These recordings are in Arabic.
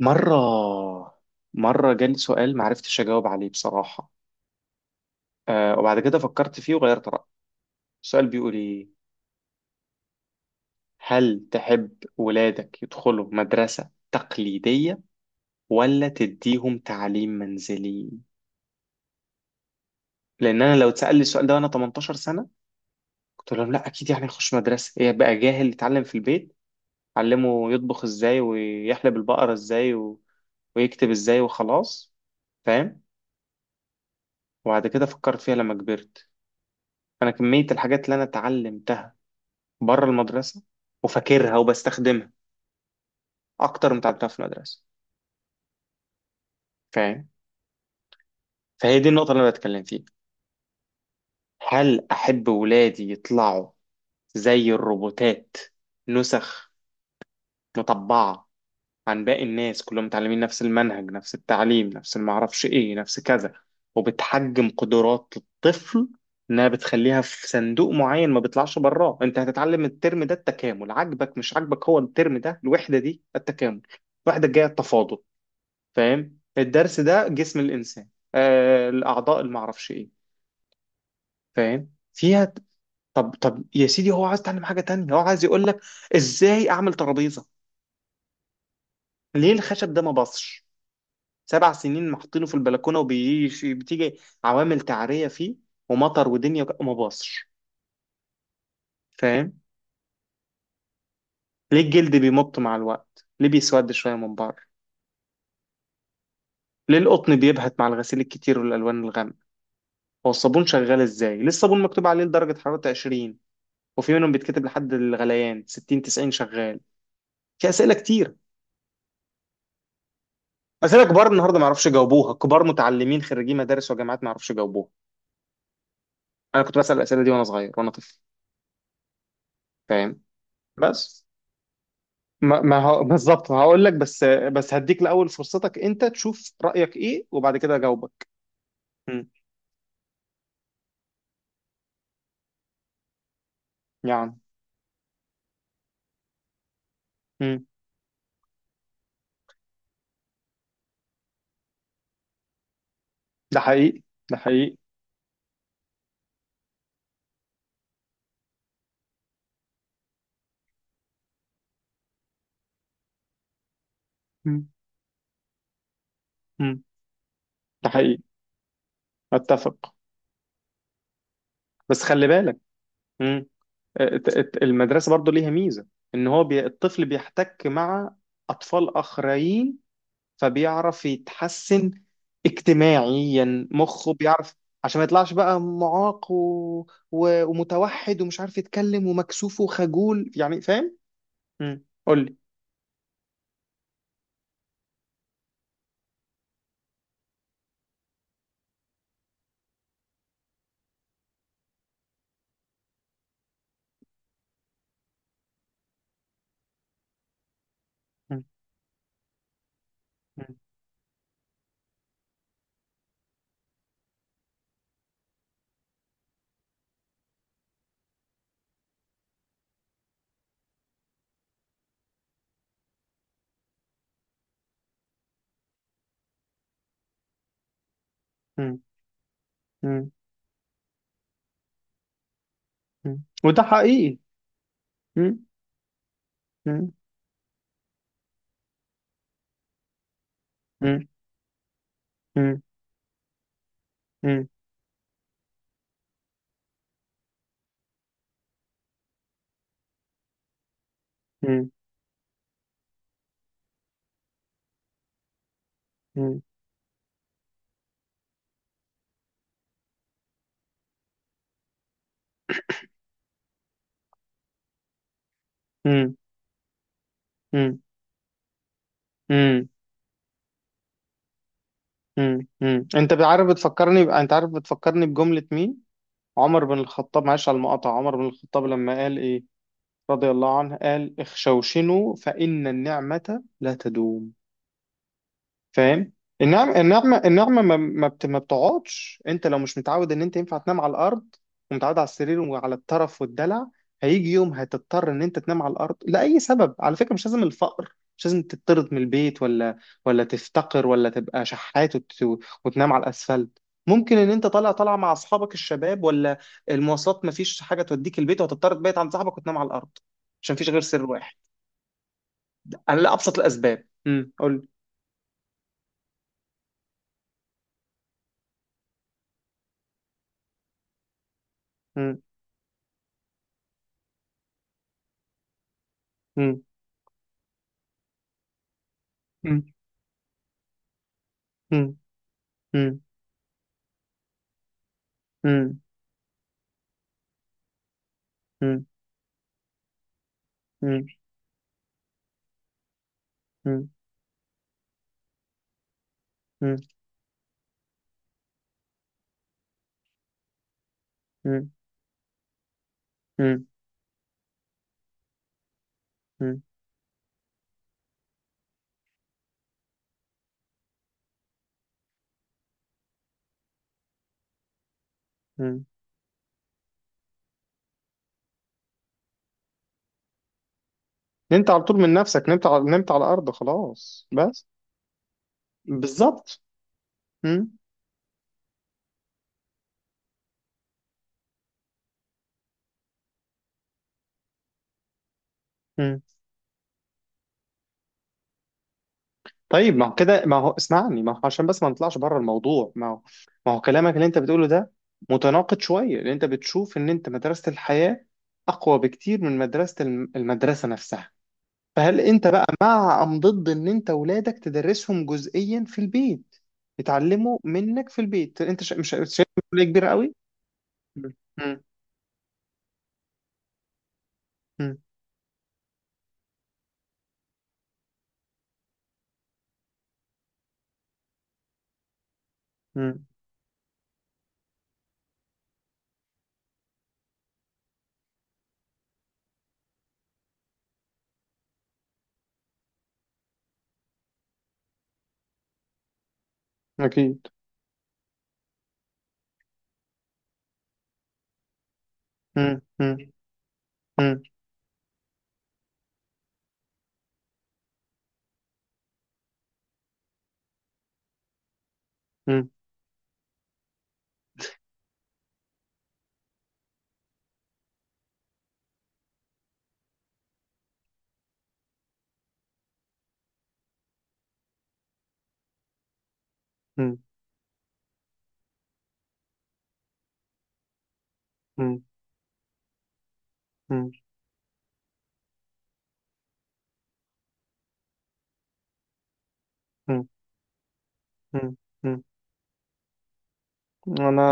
مرة مرة جالي سؤال معرفتش أجاوب عليه بصراحة. وبعد كده فكرت فيه وغيرت رأيي. السؤال بيقول إيه؟ هل تحب ولادك يدخلوا مدرسة تقليدية، ولا تديهم تعليم منزلي؟ لأن أنا لو اتسأل لي السؤال ده وأنا 18 سنة، قلت لهم لا أكيد، يعني هخش مدرسة؟ إيه بقى، جاهل يتعلم في البيت، علمه يطبخ إزاي ويحلب البقرة إزاي ويكتب إزاي وخلاص. فاهم؟ وبعد كده فكرت فيها لما كبرت. انا كميه الحاجات اللي انا اتعلم بره المدرسه وفاكرها وبستخدمها اكتر من اتعلمتها في المدرسه. فاهم؟ فهي دي النقطه اللي انا بتكلم فيها. هل احب ولادي يطلعوا زي الروبوتات، نسخ، مطبعه، عن باقي الناس، كلهم متعلمين نفس المنهج، نفس التعليم، نفس المعرفش ايه، نفس كذا؟ وبتحجم قدرات الطفل، انها بتخليها في صندوق معين ما بيطلعش براه. انت هتتعلم الترم ده التكامل، عاجبك مش عاجبك، هو الترم ده الوحده دي التكامل، الوحده الجايه التفاضل. فاهم؟ الدرس ده جسم الانسان، الاعضاء اللي معرفش ايه، فاهم فيها. طب طب يا سيدي، هو عايز يتعلم حاجه تانية، هو عايز يقول لك ازاي اعمل ترابيزه، ليه الخشب ده ما باصش، سبع سنين محطينه في البلكونه وبيجي بتيجي عوامل تعريه فيه، ومطر ودنيا وما باصش. فاهم؟ ليه الجلد بيمط مع الوقت، ليه بيسود شويه من بره، ليه القطن بيبهت مع الغسيل الكتير والالوان الغامقه، هو الصابون شغال ازاي، ليه الصابون مكتوب عليه لدرجه حراره 20، وفي منهم بيتكتب لحد الغليان 60، 90 شغال. في اسئله كتير. اسئله كبار النهارده ما يعرفوش يجاوبوها، كبار متعلمين خريجين مدارس وجامعات ما يعرفوش يجاوبوها. انا كنت بسال الاسئله دي وانا صغير وانا طفل. فاهم؟ بس ما هو بالظبط هقول لك، بس هديك الاول فرصتك انت تشوف رايك ايه وبعد كده اجاوبك. مم. يعني. مم. ده حقيقي، ده حقيقي. مم. مم. ده حقيقي، اتفق. بس خلي بالك، المدرسة برضو ليها ميزة، الطفل بيحتك مع اطفال اخرين، فبيعرف يتحسن اجتماعيا، مخه بيعرف، عشان ما يطلعش بقى معاق ومتوحد، ومش عارف يتكلم، ومكسوف وخجول، يعني فاهم؟ قول لي. مم. مم. مم. مم. مم. وده حقيقي. مم. مم. مم. مم. مم. مم. مم. مم. مم. انت عارف انت عارف بتفكرني بجملة مين؟ عمر بن الخطاب، معلش على المقاطعة، عمر بن الخطاب لما قال ايه رضي الله عنه، قال: اخشوشنوا فإن النعمة لا تدوم. فاهم؟ النعمة، النعمة، النعمة ما بتقعدش. انت لو مش متعود ان انت ينفع تنام على الارض، ومتعود على السرير وعلى الطرف والدلع، هيجي يوم هتضطر ان انت تنام على الارض لأي سبب. على فكرة مش لازم الفقر، مش لازم تطرد من البيت، ولا ولا تفتقر ولا تبقى شحات وتنام على الاسفلت. ممكن ان انت طالع مع اصحابك الشباب، ولا المواصلات مفيش حاجة توديك البيت، وهتضطر تبيت عند صاحبك وتنام على الارض، عشان مفيش غير سر واحد، على ابسط الاسباب. قول. امم، امم. مم. مم. مم. مم. مم. مم. مم. مم. مم. مم. نمت على طول من نفسك، نمت على الارض خلاص بس. بالظبط. مم. مم. طيب ما هو كده، ما هو عشان بس ما نطلعش بره الموضوع، ما هو كلامك اللي انت بتقوله ده متناقض شويه، لان انت بتشوف ان انت مدرسه الحياه اقوى بكتير من مدرسه المدرسه نفسها. فهل انت بقى مع ام ضد ان انت ولادك تدرسهم جزئيا في البيت، يتعلموا منك في البيت؟ انت مش شايف مسؤوليه كبيره قوي؟ مم. مم. مم. مم. اكيد. مم. مم. مم. مم. مم. مم. مم. مم. مم. مم. انا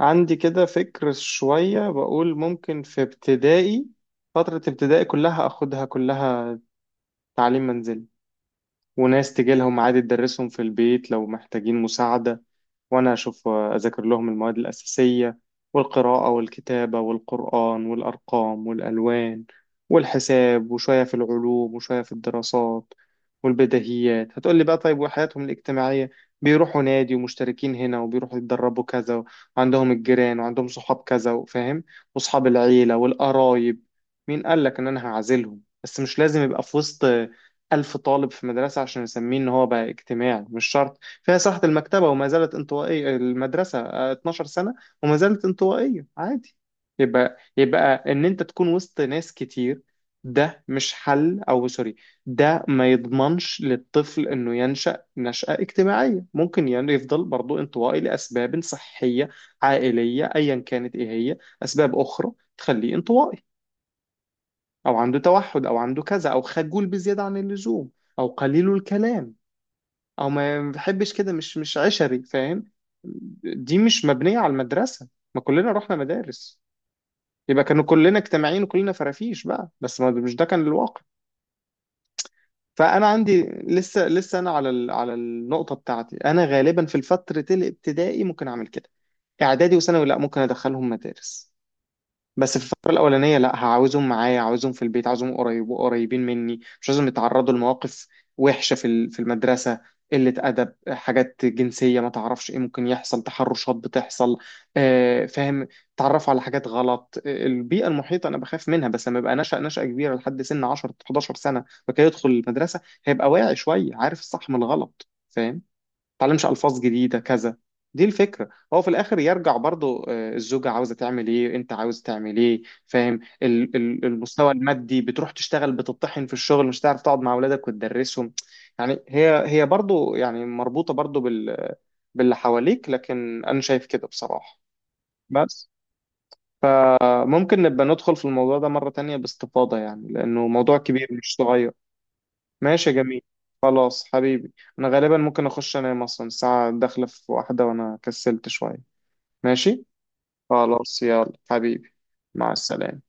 عندي كده فكر شويه، بقول ممكن في ابتدائي، فتره ابتدائي كلها اخدها كلها تعليم منزلي، وناس تجي لهم عادي تدرسهم في البيت لو محتاجين مساعدة، وأنا أشوف أذاكر لهم المواد الأساسية، والقراءة والكتابة والقرآن والأرقام والألوان والحساب، وشوية في العلوم وشوية في الدراسات والبديهيات. هتقولي بقى طيب وحياتهم الاجتماعية؟ بيروحوا نادي، ومشتركين هنا، وبيروحوا يتدربوا كذا، وعندهم الجيران وعندهم صحاب كذا، فاهم؟ وصحاب العيلة والقرايب. مين قالك إن أنا هعزلهم؟ بس مش لازم يبقى في وسط ألف طالب في مدرسة عشان نسميه إن هو بقى اجتماعي، مش شرط. فيها صحة المكتبة وما زالت انطوائية المدرسة، 12 سنة وما زالت انطوائية، عادي. يبقى إن أنت تكون وسط ناس كتير ده مش حل، أو سوري ده ما يضمنش للطفل إنه ينشأ نشأة اجتماعية. ممكن يعني يفضل برضو انطوائي لأسباب صحية، عائلية، أيا كانت إيه هي أسباب أخرى تخليه انطوائي، أو عنده توحد، أو عنده كذا، أو خجول بزيادة عن اللزوم، أو قليل الكلام، أو ما بيحبش كده، مش عشري. فاهم؟ دي مش مبنية على المدرسة. ما كلنا رحنا مدارس، يبقى كانوا كلنا اجتماعيين وكلنا فرافيش بقى؟ بس ما مش ده كان الواقع. فأنا عندي لسه أنا على على النقطة بتاعتي. أنا غالبا في الفترة الابتدائي ممكن أعمل كده، إعدادي وثانوي لا، ممكن أدخلهم مدارس. بس في الفترة الأولانية لا، هعاوزهم معايا، عاوزهم في البيت، عاوزهم قريبين مني، مش لازم يتعرضوا لمواقف وحشة في في المدرسة، قلة أدب، حاجات جنسية، ما تعرفش إيه ممكن يحصل، تحرشات بتحصل. آه فاهم. تعرفوا على حاجات غلط، البيئة المحيطة أنا بخاف منها. بس لما يبقى نشأ نشأة كبيرة لحد سن 10 11 سنة وكده، يدخل المدرسة هيبقى واعي شوية، عارف الصح من الغلط. فاهم؟ تعلمش الفاظ جديده كذا. دي الفكره. هو في الاخر يرجع برضو، الزوجه عاوزه تعمل ايه، انت عاوز تعمل ايه، فاهم؟ المستوى المادي، بتروح تشتغل بتطحن في الشغل، مش تعرف تقعد مع اولادك وتدرسهم. يعني هي برضو، يعني مربوطه برضو باللي حواليك. لكن انا شايف كده بصراحه. بس ممكن نبقى ندخل في الموضوع ده مره تانية باستفاضه، يعني لانه موضوع كبير مش صغير. ماشي يا جميل، خلاص حبيبي. انا غالبا ممكن اخش انام، اصلا الساعة داخلة في واحدة وانا كسلت شوية. ماشي، خلاص يلا حبيبي، مع السلامة.